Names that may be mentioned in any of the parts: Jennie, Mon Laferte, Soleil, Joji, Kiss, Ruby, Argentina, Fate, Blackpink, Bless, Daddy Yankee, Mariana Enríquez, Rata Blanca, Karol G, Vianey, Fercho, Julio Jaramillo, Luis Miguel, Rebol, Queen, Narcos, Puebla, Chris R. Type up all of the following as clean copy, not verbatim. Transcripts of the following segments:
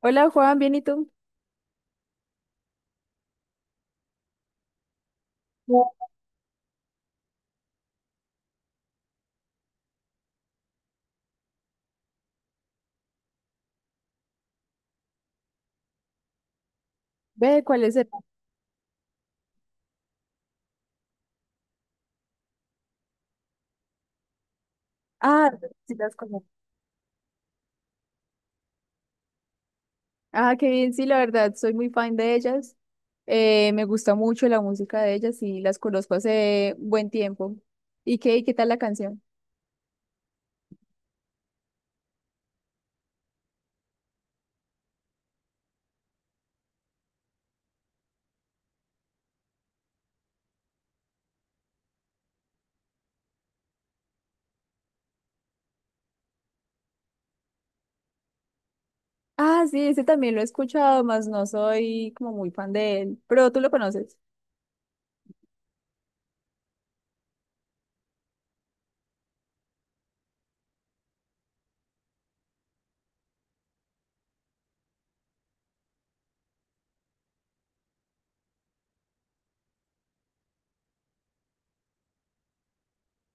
Hola Juan, ¿bien y tú? No. Ve, ¿cuál es el? Ah, sí las conozco. Ah, qué bien, sí, la verdad, soy muy fan de ellas. Me gusta mucho la música de ellas y las conozco hace buen tiempo. ¿Y qué, qué tal la canción? Ah, sí, ese también lo he escuchado, más no soy como muy fan de él, pero tú lo conoces.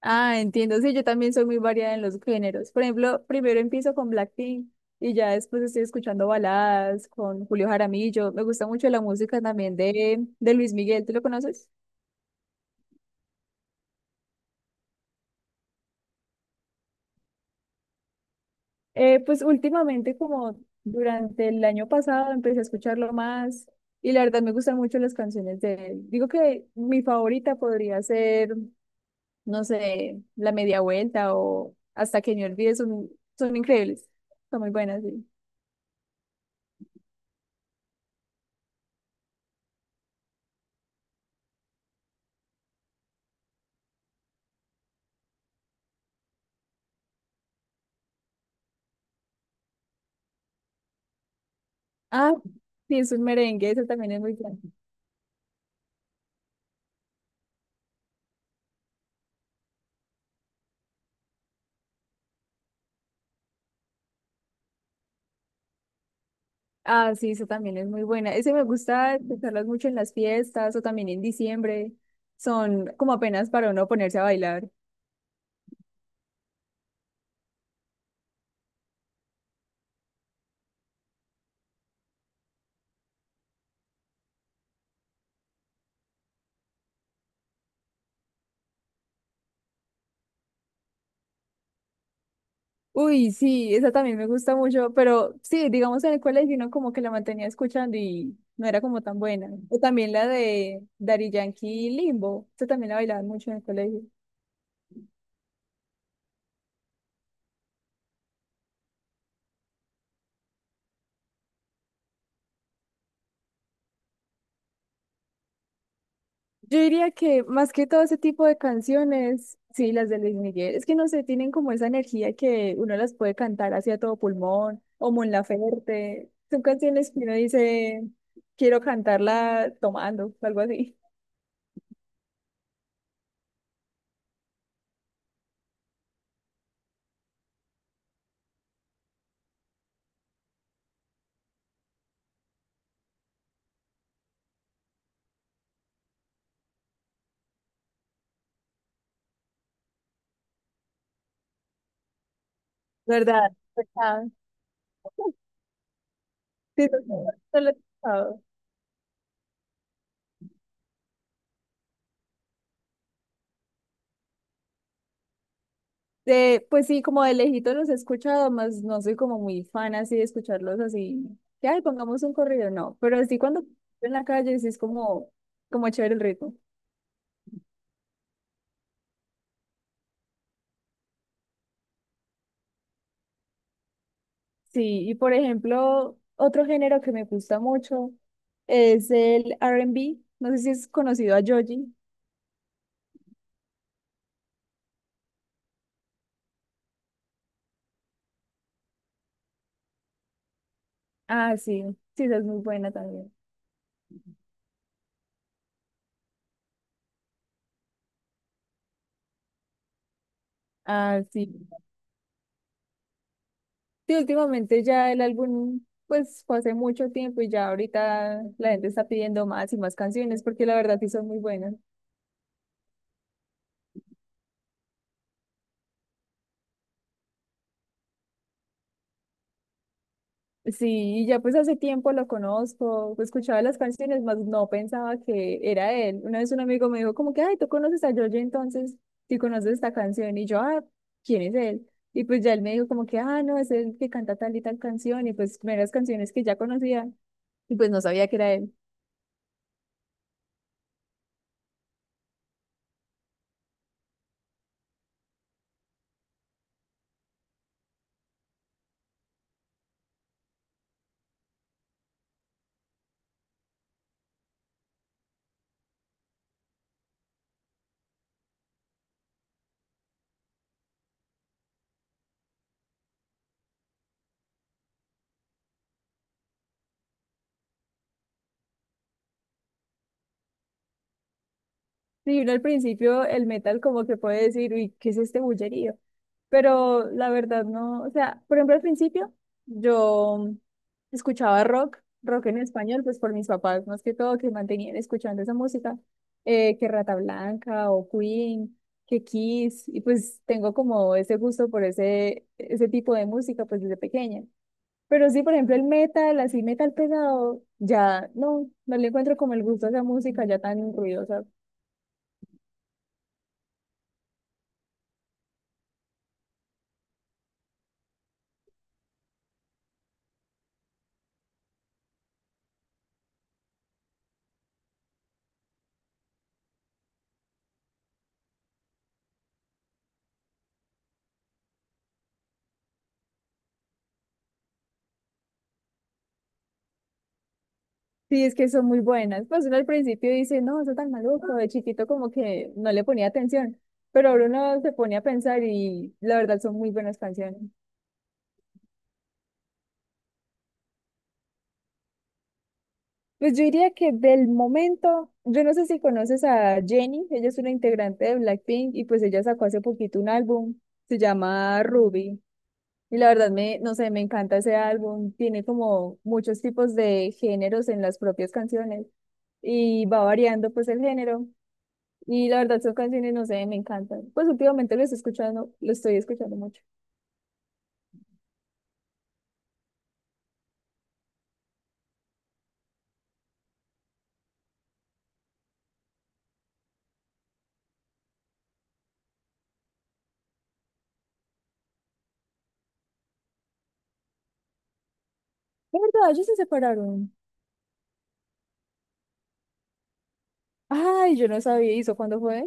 Ah, entiendo, sí, yo también soy muy variada en los géneros. Por ejemplo, primero empiezo con Blackpink y ya después estoy escuchando baladas con Julio Jaramillo. Me gusta mucho la música también de Luis Miguel, ¿tú lo conoces? Pues últimamente, como durante el año pasado, empecé a escucharlo más y la verdad me gustan mucho las canciones de él. Digo que mi favorita podría ser, no sé, La Media Vuelta o Hasta que me olvide, son, son increíbles, son muy buenas, sí. Ah, sí, es un merengue, eso también es muy bueno. Ah, sí, eso también es muy buena. Ese me gusta escucharlas mucho en las fiestas o también en diciembre. Son como apenas para uno ponerse a bailar. Uy, sí, esa también me gusta mucho, pero sí, digamos en el colegio uno como que la mantenía escuchando y no era como tan buena. O también la de Daddy Yankee y Limbo, esa también la bailaban mucho en el colegio. Yo diría que más que todo ese tipo de canciones, sí, las de Luis Miguel, es que no sé, tienen como esa energía que uno las puede cantar hacia todo pulmón, o Mon Laferte, son canciones que uno dice, quiero cantarla tomando, o algo así, ¿verdad? Ah, sí, no no lo he escuchado. Pues sí, como de lejito los he escuchado, más no soy como muy fan así de escucharlos así, que ay, pongamos un corrido, no, pero así cuando en la calle sí es como, como chévere el ritmo. Sí, y por ejemplo, otro género que me gusta mucho es el R&B. No sé si es conocido a Joji. Ah, sí, sí, esa es muy buena también. Ah, sí. Sí, últimamente ya el álbum, pues fue hace mucho tiempo y ya ahorita la gente está pidiendo más y más canciones porque la verdad sí son muy buenas. Sí, y ya pues hace tiempo lo conozco, escuchaba las canciones, más no pensaba que era él. Una vez un amigo me dijo como que, ay, ¿tú conoces a George entonces? ¿Sí conoces esta canción? Y yo, ah, ¿quién es él? Y pues ya él me dijo como que, ah, no, es él que canta tal y tal canción, y pues primeras canciones que ya conocía, y pues no sabía que era él. Sí, uno al principio el metal como que puede decir, uy, ¿qué es este bullerío? Pero la verdad no, o sea, por ejemplo al principio yo escuchaba rock, rock en español, pues por mis papás más que todo que mantenían escuchando esa música, que Rata Blanca o Queen, que Kiss, y pues tengo como ese gusto por ese, ese tipo de música pues desde pequeña. Pero sí, por ejemplo, el metal, así metal pesado, ya no, no le encuentro como el gusto a esa música ya tan ruidosa. Sí, es que son muy buenas. Pues uno al principio dice, no, eso es tan maluco, de chiquito como que no le ponía atención, pero ahora uno se pone a pensar y la verdad son muy buenas canciones. Pues yo diría que del momento, yo no sé si conoces a Jennie, ella es una integrante de Blackpink y pues ella sacó hace poquito un álbum, se llama Ruby. Y la verdad me, no sé, me encanta ese álbum, tiene como muchos tipos de géneros en las propias canciones y va variando pues el género. Y la verdad son canciones, no sé, me encantan. Pues últimamente lo estoy escuchando mucho. ¿De verdad? Ellos se separaron. Ay, yo no sabía, ¿y eso cuándo fue?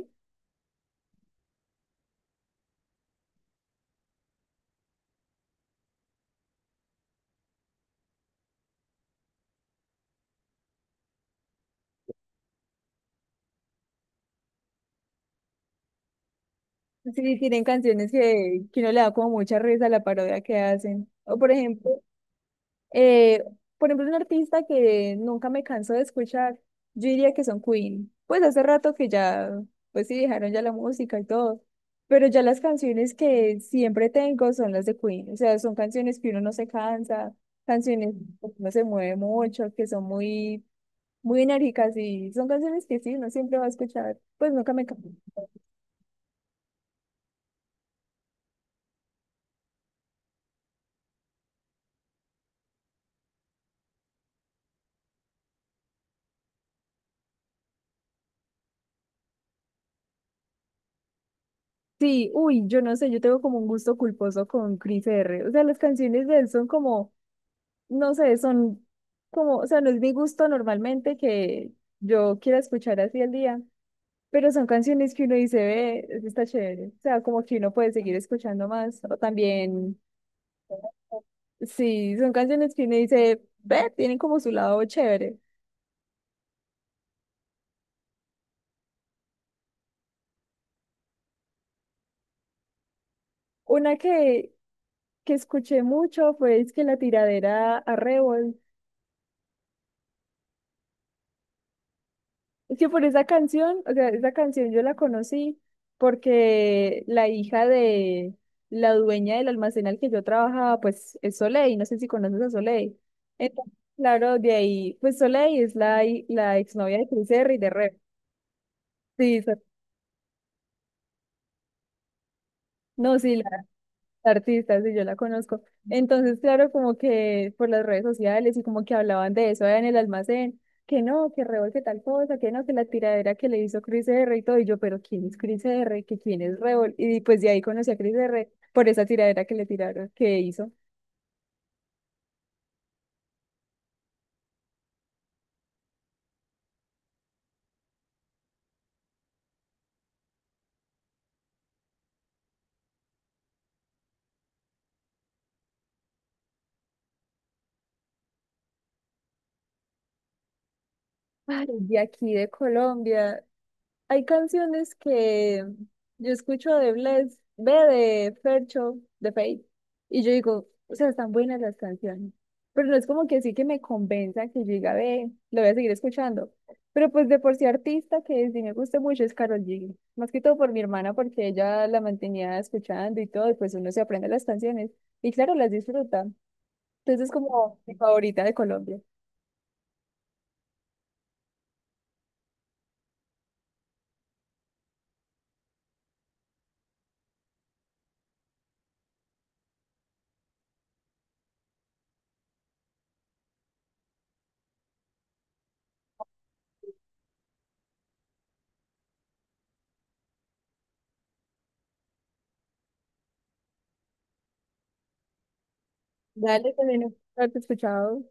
Sí, tienen canciones que uno le da como mucha risa a la parodia que hacen. O eh, por ejemplo, un artista que nunca me canso de escuchar, yo diría que son Queen. Pues hace rato que ya, pues sí, dejaron ya la música y todo. Pero ya las canciones que siempre tengo son las de Queen. O sea, son canciones que uno no se cansa, canciones que uno se mueve mucho, que son muy, muy enérgicas y son canciones que sí, uno siempre va a escuchar. Pues nunca me canso. Sí, uy, yo no sé, yo tengo como un gusto culposo con Chris R. O sea, las canciones de él son como, no sé, son como, o sea, no es mi gusto normalmente que yo quiera escuchar así al día, pero son canciones que uno dice, ve, eso está chévere. O sea, como que uno puede seguir escuchando más. O también, sí, son canciones que uno dice, ve, tienen como su lado chévere. Una que escuché mucho fue es que la tiradera a Revol. Es que por esa canción, o sea, esa canción yo la conocí porque la hija de la dueña del almacén al que yo trabajaba, pues es Soleil, no sé si conoces a Soleil. Entonces, claro, de ahí, pues Soleil es la, la exnovia de Chris Herry, de Rep. Sí, so- no, sí, artistas y yo la conozco. Entonces, claro, como que por las redes sociales y como que hablaban de eso allá en el almacén, que no, que Rebol, que tal cosa, que no, que la tiradera que le hizo Chris R y todo, y yo, pero ¿quién es Chris R? ¿Que quién es Rebol? Y pues de ahí conocí a Chris R por esa tiradera que le tiraron, que hizo. Ay, de aquí de Colombia, hay canciones que yo escucho de Bless, ve de Fercho, de Fate, y yo digo, o sea, están buenas las canciones, pero no es como que sí que me convenza que yo diga, ve, lo voy a seguir escuchando. Pero pues de por sí artista que sí me gusta mucho es Karol G, más que todo por mi hermana porque ella la mantenía escuchando y todo, y pues uno se aprende las canciones y claro, las disfruta. Entonces es como mi favorita de Colombia. Dale, también haberte escuchado.